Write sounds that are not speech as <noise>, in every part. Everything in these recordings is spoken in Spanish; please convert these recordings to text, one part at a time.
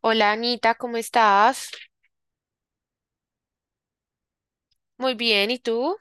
Hola Anita, ¿cómo estás? Muy bien, ¿y tú?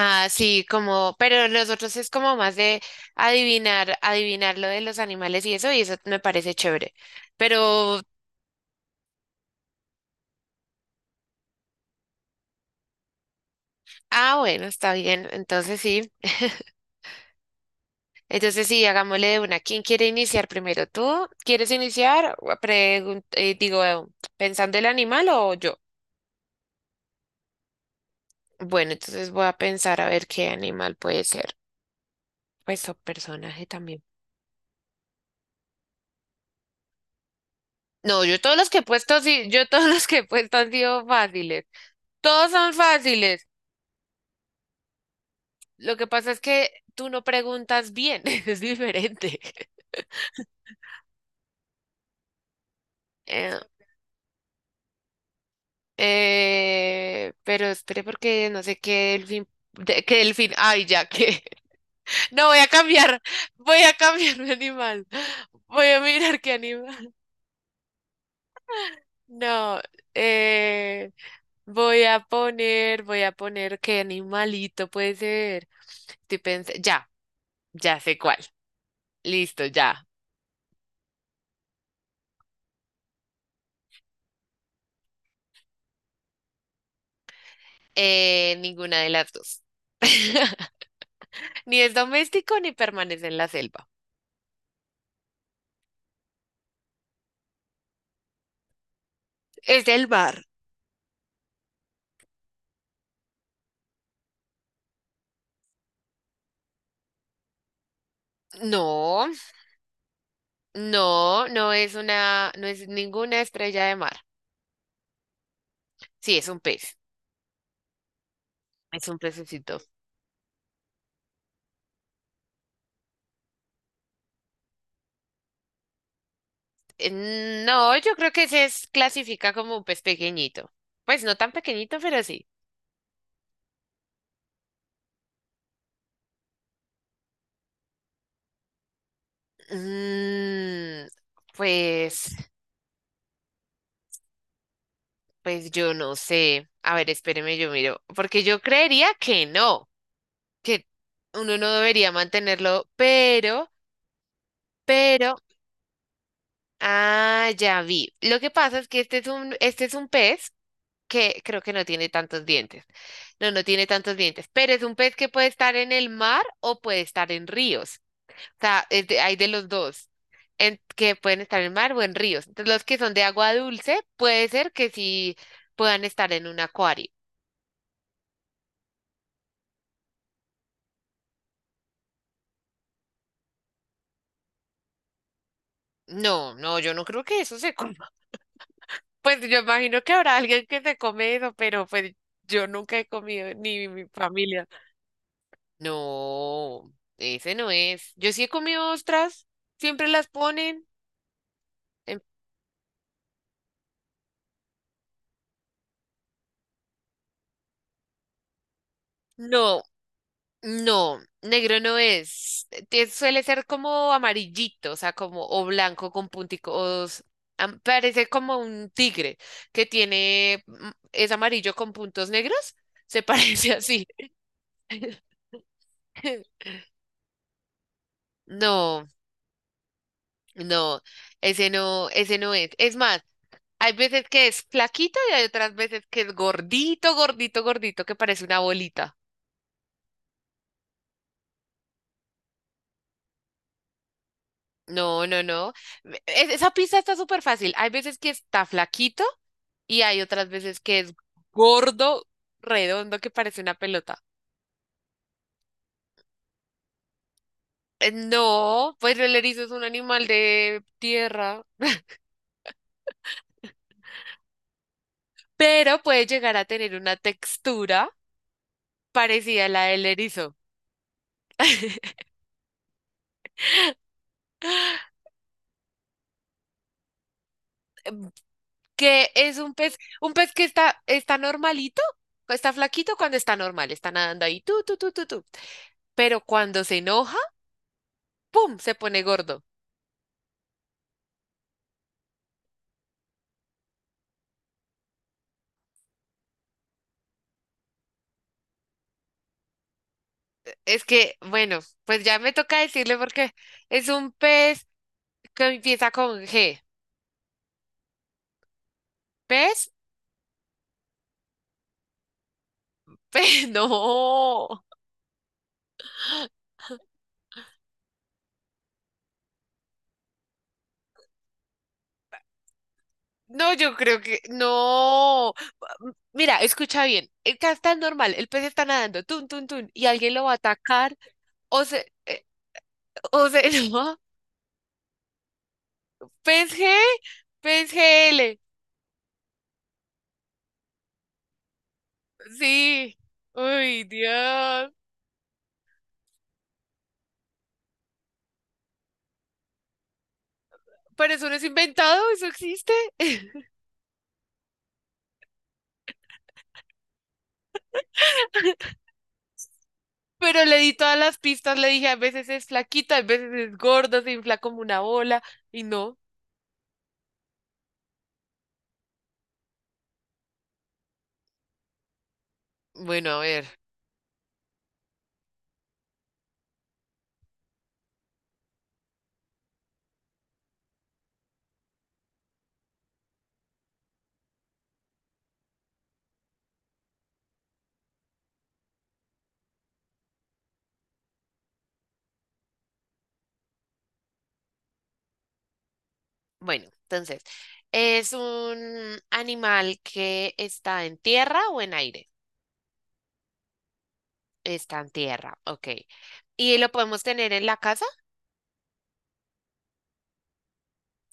Ah, sí, como, pero nosotros es como más de adivinar lo de los animales y eso me parece chévere. Pero, bueno, está bien, entonces sí. <laughs> Entonces sí, hagámosle de una. ¿Quién quiere iniciar primero? ¿Tú quieres iniciar? Digo, pensando el animal o yo. Bueno, entonces voy a pensar a ver qué animal puede ser. Pues o personaje también. No, yo todos los que he puesto, sí, yo todos <laughs> los que he puesto han sido fáciles. Todos son fáciles. Lo que pasa es que tú no preguntas bien, <laughs> es diferente. Eh, pero espere porque no sé qué delfín, qué delfín, ay, ya que. <laughs> No, voy a cambiar mi animal. Voy a mirar qué animal. No, eh, Voy a poner, voy a poner qué animalito puede ser. Ya, ya sé cuál. Listo, ya. Ninguna de las dos. <laughs> Ni es doméstico ni permanece en la selva. Es del mar. No, no, no es una, no es ninguna estrella de mar. Sí, es un pez. Es un pececito. Eh, No, yo creo que se clasifica como un pez pequeñito. Pues no tan pequeñito, pero sí. Mm, pues, pues yo no sé. A ver, espéreme, yo miro. Porque yo creería que no. Que uno no debería mantenerlo, pero ah, ya vi. Lo que pasa es que este es un pez que creo que no tiene tantos dientes. No, no tiene tantos dientes, pero es un pez que puede estar en el mar o puede estar en ríos. O sea, hay de los dos, que pueden estar en mar o en ríos. Entonces, los que son de agua dulce, puede ser que sí puedan estar en un acuario. No, no, yo no creo que eso se <laughs> coma. Pues yo imagino que habrá alguien que se come eso, pero pues yo nunca he comido, ni mi familia. No, ese no es. Yo sí he comido ostras, siempre las ponen. en- No, no, negro no es. Suele ser como amarillito, o sea, como o blanco con punticos. Parece como un tigre que tiene, mm, es amarillo con puntos negros. Se parece así. <laughs> No. No, ese no, ese no es. Es más, hay veces que es flaquito y hay otras veces que es gordito, gordito, gordito, que parece una bolita. No, no, no. Esa pista está súper fácil. Hay veces que está flaquito y hay otras veces que es gordo, redondo, que parece una pelota. No, pues el erizo es un animal de tierra, pero puede llegar a tener una textura parecida a la del erizo. Que es un pez que está, está normalito, está flaquito cuando está normal, está nadando ahí, tú, tú, tú, tú, tú. Pero cuando se enoja, ¡pum! Se pone gordo. Es que, bueno, pues ya me toca decirle porque es un pez que empieza con G. ¿Pez? <laughs> No. No, yo creo que no. Mira, escucha bien. El que está normal, el pez está nadando, tun, tun, tun, y alguien lo va a atacar o se, eh, o se <laughs> enoja. P P S S G P S G L. Sí. Uy, Dios. Pero eso no es inventado, eso existe. <laughs> Pero le di todas las pistas, le dije, a veces es flaquita, a veces es gorda, se infla como una bola, y no. Bueno, a ver. Bueno, entonces, ¿es un animal que está en tierra o en aire? Está en tierra, ok. ¿Y lo podemos tener en la casa?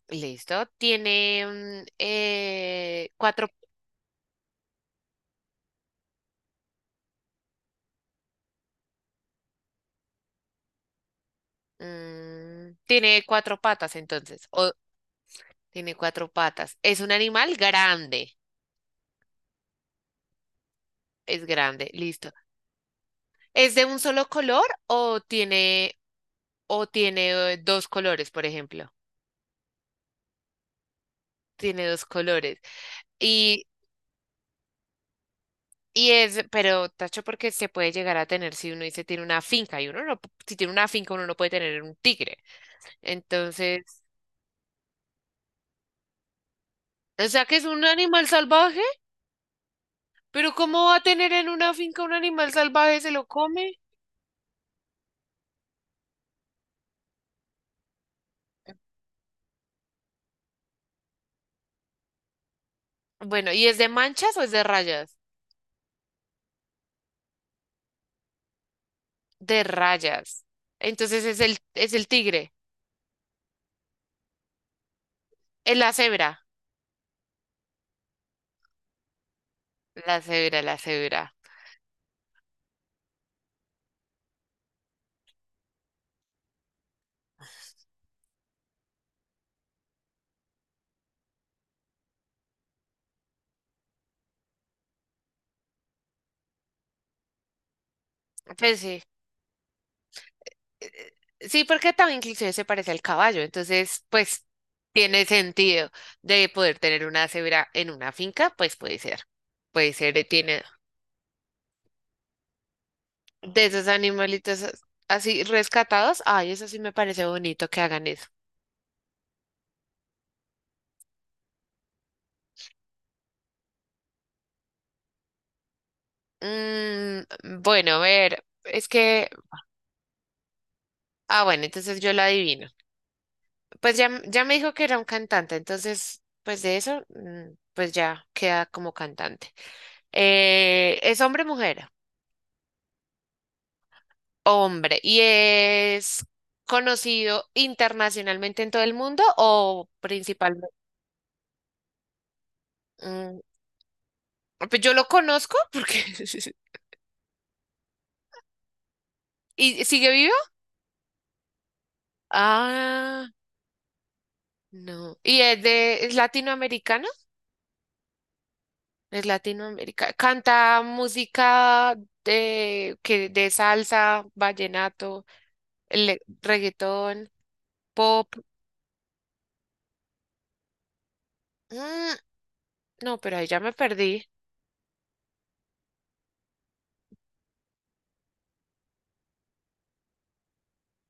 Listo. ¿Tiene cuatro? Tiene cuatro patas entonces, o tiene cuatro patas. Es un animal grande, es grande, listo. ¿Es de un solo color o tiene dos colores, por ejemplo? Tiene dos colores. Y, y es, pero tacho porque se puede llegar a tener si uno dice tiene una finca y uno no, si tiene una finca uno no puede tener un tigre. Entonces, o sea que es un animal salvaje, pero ¿cómo va a tener en una finca un animal salvaje? ¿Se lo come? Bueno, ¿y es de manchas o es de rayas? De rayas. Entonces es el tigre, es la cebra. La cebra, la cebra. Pues sí. Eh, eh, Sí, porque también inclusive se parece al caballo, entonces pues tiene sentido de poder tener una cebra en una finca, pues puede ser. Puede ser, tiene de esos animalitos así rescatados. Ay, eso sí me parece bonito que hagan eso. Mm, bueno, a ver, ah, bueno, entonces yo la adivino. Pues ya, ya me dijo que era un cantante, entonces, pues de eso, mm, pues ya queda como cantante. ¿Es hombre o mujer? Hombre. ¿Y es conocido internacionalmente en todo el mundo o principalmente? Mm, pues yo lo conozco porque... <laughs> ¿Y sigue vivo? Ah, no. ¿Y es de es latinoamericano? Es latinoamericano. Canta música de que de salsa, vallenato. El reggaetón, pop. Mm, no, pero ahí ya me perdí.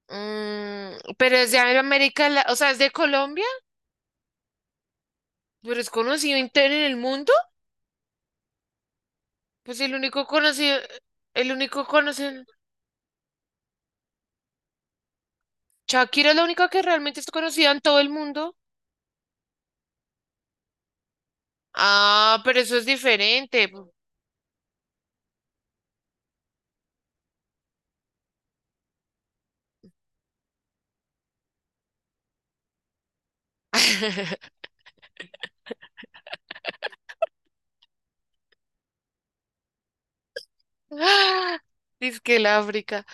Mm, pero es de América, o sea, es de Colombia, pero es conocido entero en el mundo. Pues el único conocido, Shakira es la única que realmente es conocida en todo el mundo. Ah, pero eso es diferente. <laughs> Ah, dice que el África.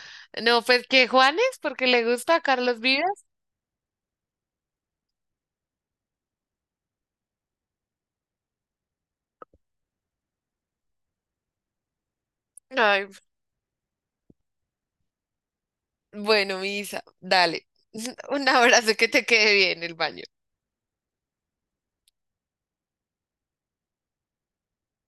No, pues que Juanes, porque le gusta a Carlos Vives. Ay, bueno, Misa, dale. <laughs> Un abrazo que te quede bien el baño.